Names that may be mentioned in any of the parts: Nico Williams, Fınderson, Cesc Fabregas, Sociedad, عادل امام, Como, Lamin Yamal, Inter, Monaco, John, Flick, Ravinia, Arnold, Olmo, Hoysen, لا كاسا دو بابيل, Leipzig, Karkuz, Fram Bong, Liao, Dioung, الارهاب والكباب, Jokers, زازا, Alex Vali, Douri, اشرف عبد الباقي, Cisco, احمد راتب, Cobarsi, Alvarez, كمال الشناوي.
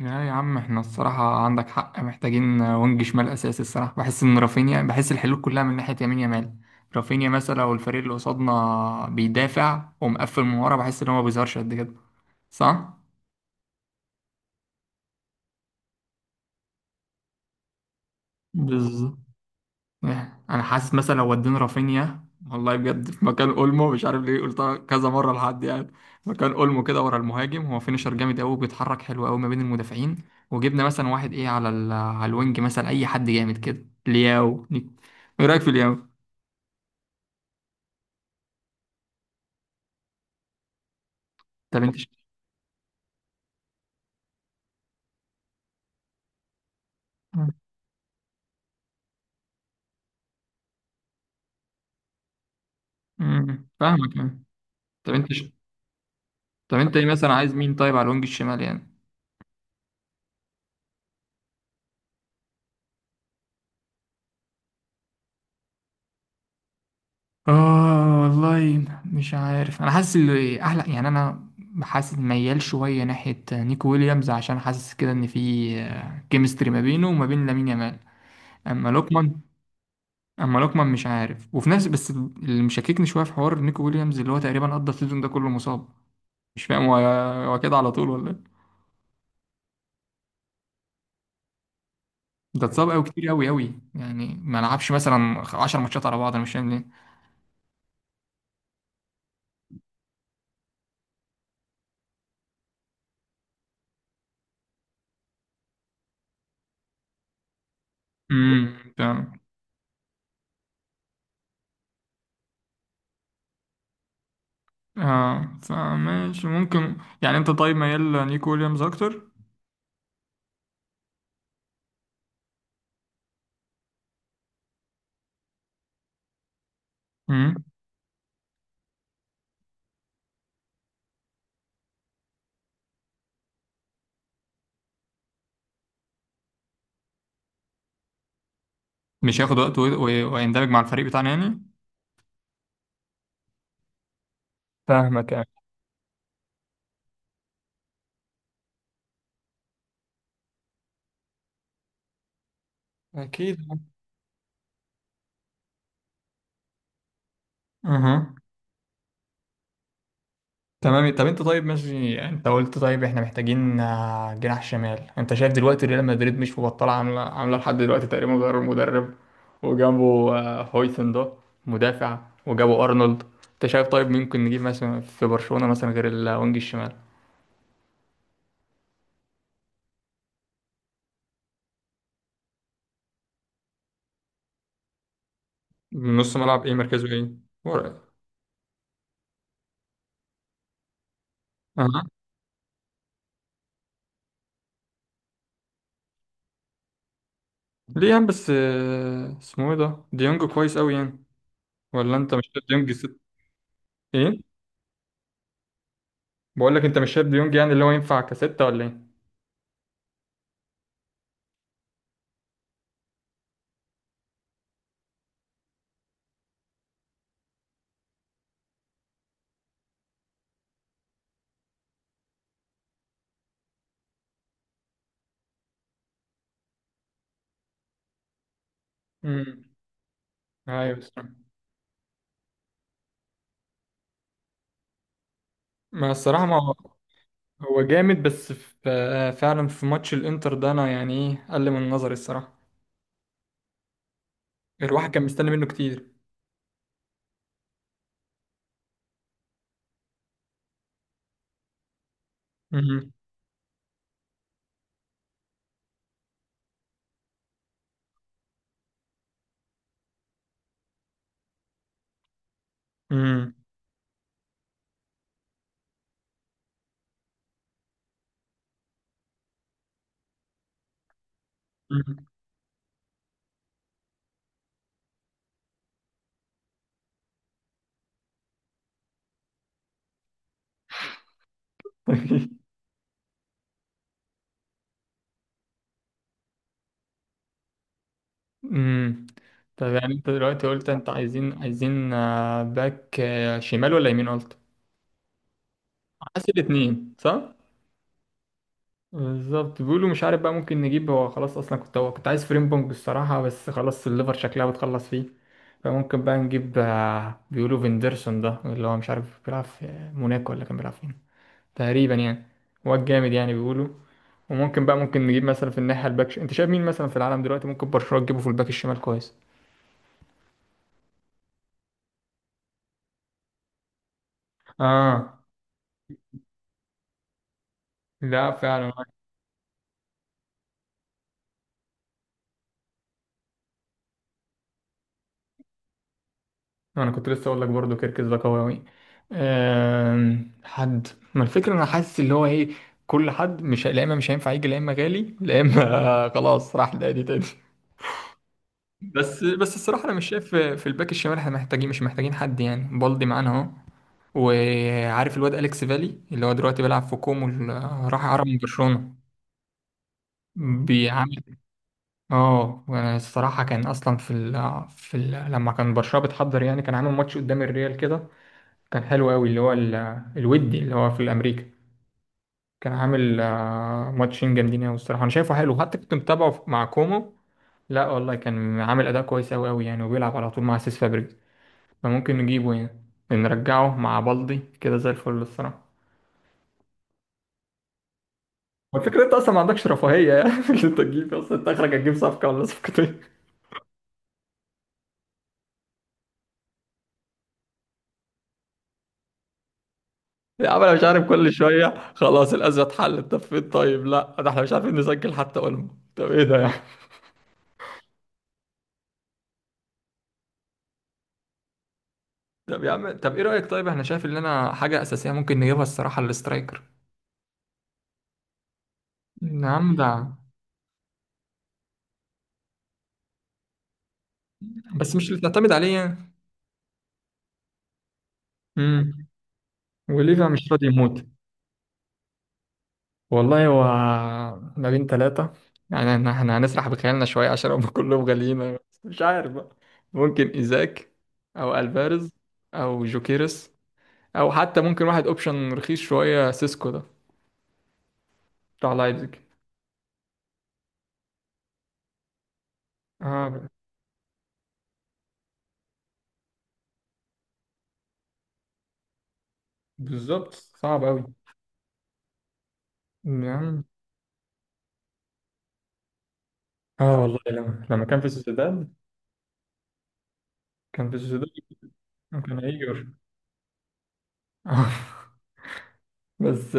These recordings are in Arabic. لا يا عم، احنا الصراحة عندك حق، محتاجين وينج شمال أساسي. الصراحة بحس إن رافينيا بحس الحلول كلها من ناحية يمين يمال. رافينيا مثلا لو الفريق اللي قصادنا بيدافع ومقفل من ورا، بحس إن هو ما بيظهرش قد كده، صح؟ بالظبط. إيه، انا حاسس مثلا لو ودينا رافينيا والله بجد في مكان اولمو، مش عارف ليه قلتها كذا مره لحد يعني. مكان اولمو كده ورا المهاجم، هو فينيشر جامد قوي، بيتحرك حلو قوي ما بين المدافعين. وجبنا مثلا واحد ايه على الوينج مثلا، اي حد جامد كده، لياو. ايه رايك في لياو؟ طب انت ش... فاهمك يعني. طب انت ش... طب انت إيه مثلا، عايز مين طيب على الوينج الشمال يعني؟ اه والله مش عارف، انا حاسس اللي احلى يعني، انا حاسس ميال شويه ناحيه نيكو ويليامز، عشان حاسس كده ان في كيمستري ما بينه وما بين لامين يامال. اما لوكمان اما لوكمان مش عارف، وفي نفس، بس اللي مشككني شويه في حوار نيكو ويليامز، اللي هو تقريبا قضى السيزون ده كله مصاب. مش فاهم، هو هو كده على طول ولا إيه؟ ده اتصاب قوي كتير، قوي قوي يعني، ما لعبش مثلا 10 ماتشات على بعض، انا مش فاهم ليه. امم، فاهم. اه فماشي، ممكن. يعني انت طيب ميال نيكو ويليامز اكتر؟ مم. مش هياخد وقت ويندمج مع الفريق بتاعنا يعني. فاهمك يعني. أكيد. اها. تمام. طب انت طيب ماشي، انت قلت طيب احنا محتاجين آه، جناح شمال. انت شايف دلوقتي ريال مدريد مش مبطله، عامله عامله لحد دلوقتي تقريبا غير المدرب، وجابوا آه، هويسن ده، مدافع، وجابوا ارنولد. انت شايف طيب ممكن نجيب مثلا في برشلونه مثلا غير الوينج الشمال؟ نص ملعب ايه، مركزه ايه؟ ورا. اها. ليه يعني بس آه، اسمه ايه ده، ديونج كويس قوي يعني، ولا انت مش شايف ديونج؟ ايه. بقول لك انت مش شايف ديونج يعني، اللي هو ينفع كستة ولا ايه؟ امم. ايوه الصراحة. ما الصراحه ما هو، هو جامد، بس في فعلا في ماتش الانتر ده، انا يعني ايه، قل من نظري الصراحه. الواحد كان مستني منه كتير. امم. امم. امم. أمم. طب يعني انت دلوقتي قلت انت عايزين آه، باك آه، شمال ولا يمين، قلت عايز الاثنين، صح؟ بالظبط. بيقولوا مش عارف بقى، ممكن نجيب، هو خلاص اصلا كنت، هو كنت عايز فريم بونج الصراحه، بس خلاص الليفر شكلها بتخلص فيه. فممكن بقى نجيب آه، بيقولوا فيندرسون ده، اللي هو مش عارف بيلعب في موناكو ولا كان بيلعب فين، تقريبا يعني، هو الجامد يعني بيقولوا. وممكن بقى نجيب مثلا في الناحيه الباك انت شايف مين مثلا في العالم دلوقتي ممكن برشلونه تجيبه في الباك الشمال كويس؟ اه. لا فعلا. انا كنت لسه اقول لك برضو كركز ده قوي قوي. أم، حد؟ ما الفكره انا حاسس اللي هو ايه، كل حد، مش لا اما مش هينفع يجي، لا اما غالي، لا اما خلاص راح لأدي تاني. بس بس الصراحه انا مش شايف في في الباك الشمال احنا محتاجين، مش محتاجين حد يعني، بالدي معانا اهو. وعارف الواد اليكس فالي، اللي هو دلوقتي بيلعب في كومو، راح عرب من برشلونه. بيعمل. اه وانا الصراحه كان اصلا لما كان برشلونه بتحضر يعني، كان عامل ماتش قدام الريال كده، كان حلو قوي، اللي هو الودي، اللي هو في الامريكا. كان عامل آه، ماتشين جامدين قوي الصراحه، انا شايفه حلو، حتى كنت متابعه مع كومو. لا والله كان عامل اداء كويس قوي قوي يعني، وبيلعب على طول مع سيس فابريجاس. فممكن نجيبه يعني، نرجعه مع بالدي كده زي الفل الصراحه. والفكرة انت اصلا ما عندكش رفاهية يعني اللي انت تجيب اصلا، انت اخرك هتجيب صفقة ولا صفقتين يا عم انا مش عارف، كل شوية خلاص الأزمة اتحلت، طب فين طيب؟ لا ده احنا مش عارفين نسجل حتى اولمو. طب ايه ده يعني؟ طب يا عم طب ايه رأيك، طيب احنا شايف ان انا حاجة أساسية ممكن نجيبها الصراحة، الاسترايكر. نعم ده. بس مش اللي تعتمد عليه يعني. امم. وليفا مش راضي يموت. والله، هو ما بين 3 يعني، احنا إحنا هنسرح بخيالنا شوية عشان هم كلهم غاليين، بس مش عارف بقى. ممكن إيزاك، أو ألفاريز، أو جوكيرس، أو حتى ممكن واحد أوبشن رخيص شوية، سيسكو ده بتاع لايبزيج. اه. بالظبط، صعب أوي يعني. اه والله، لما كان في سوسيداد. كان في سوسيداد. كان هيجر. بس.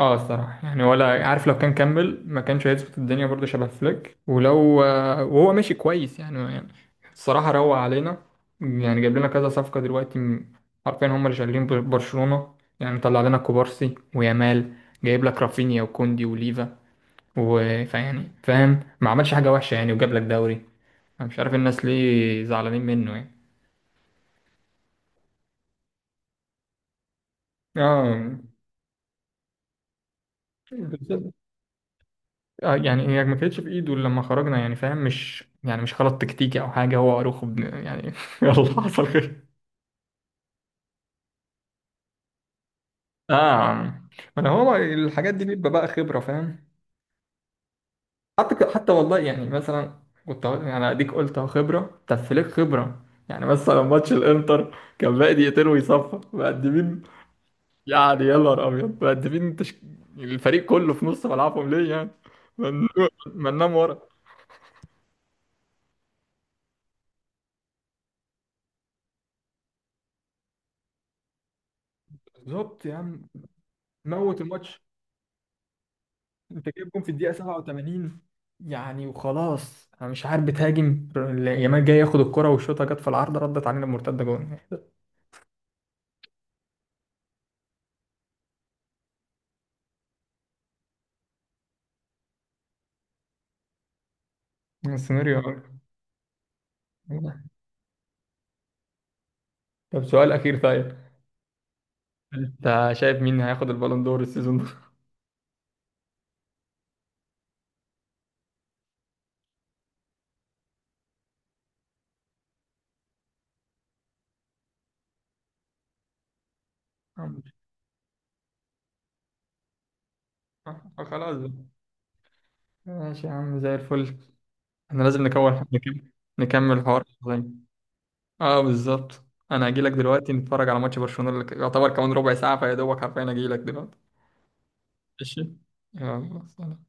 اه الصراحة يعني، ولا عارف، لو كان كمل ما كانش هيظبط الدنيا، برضه شبه فليك، ولو آه، وهو ماشي كويس يعني, يعني الصراحة روق علينا يعني، جايب لنا كذا صفقة دلوقتي، عارفين هم اللي شغالين برشلونة يعني، طلع لنا كوبارسي ويامال، جايب لك رافينيا وكوندي وليفا، فيعني فاهم، ما عملش حاجة وحشة يعني، وجاب لك دوري. انا مش عارف الناس ليه زعلانين منه يعني. اه. آه، يعني هي ما كانتش في ايده إلا لما خرجنا يعني، فاهم، مش يعني مش غلط تكتيكي او حاجه، هو اروخو يعني يلا حصل خير. اه ما انا، هو الحاجات دي بيبقى بقى خبره، فاهم. حتى حتى والله يعني مثلا كنت يعني اديك قلت اهو خبره، طب فليك خبره يعني، مثلا ماتش الانتر كان باقي دقيقتين ويصفى مقدمين يعني، يا نهار ابيض مقدمين، الفريق كله في نص ملعبهم ليه يعني؟ ما ننام، ما ننام ورا. بالظبط يا عم، موت الماتش. انت جايب جون في الدقيقة 87 يعني، وخلاص، انا مش عارف بتهاجم. يامال جاي ياخد الكرة، والشوطة جت في العارضة، ردت علينا بمرتدة جون السيناريو أوي. طب سؤال أخير طيب، انت شايف مين هياخد البالون دور السيزون ده؟ آه، خلاص بقى. ماشي يا عم، زي الفل. احنا لازم نكون نكمل، نكمل الحوار شوية. اه بالظبط. انا هجيلك دلوقتي نتفرج على ماتش برشلونة، اللي يعتبر كمان ربع ساعة، فيا دوبك حرفيا هجيلك دلوقتي. ماشي. يلا سلام.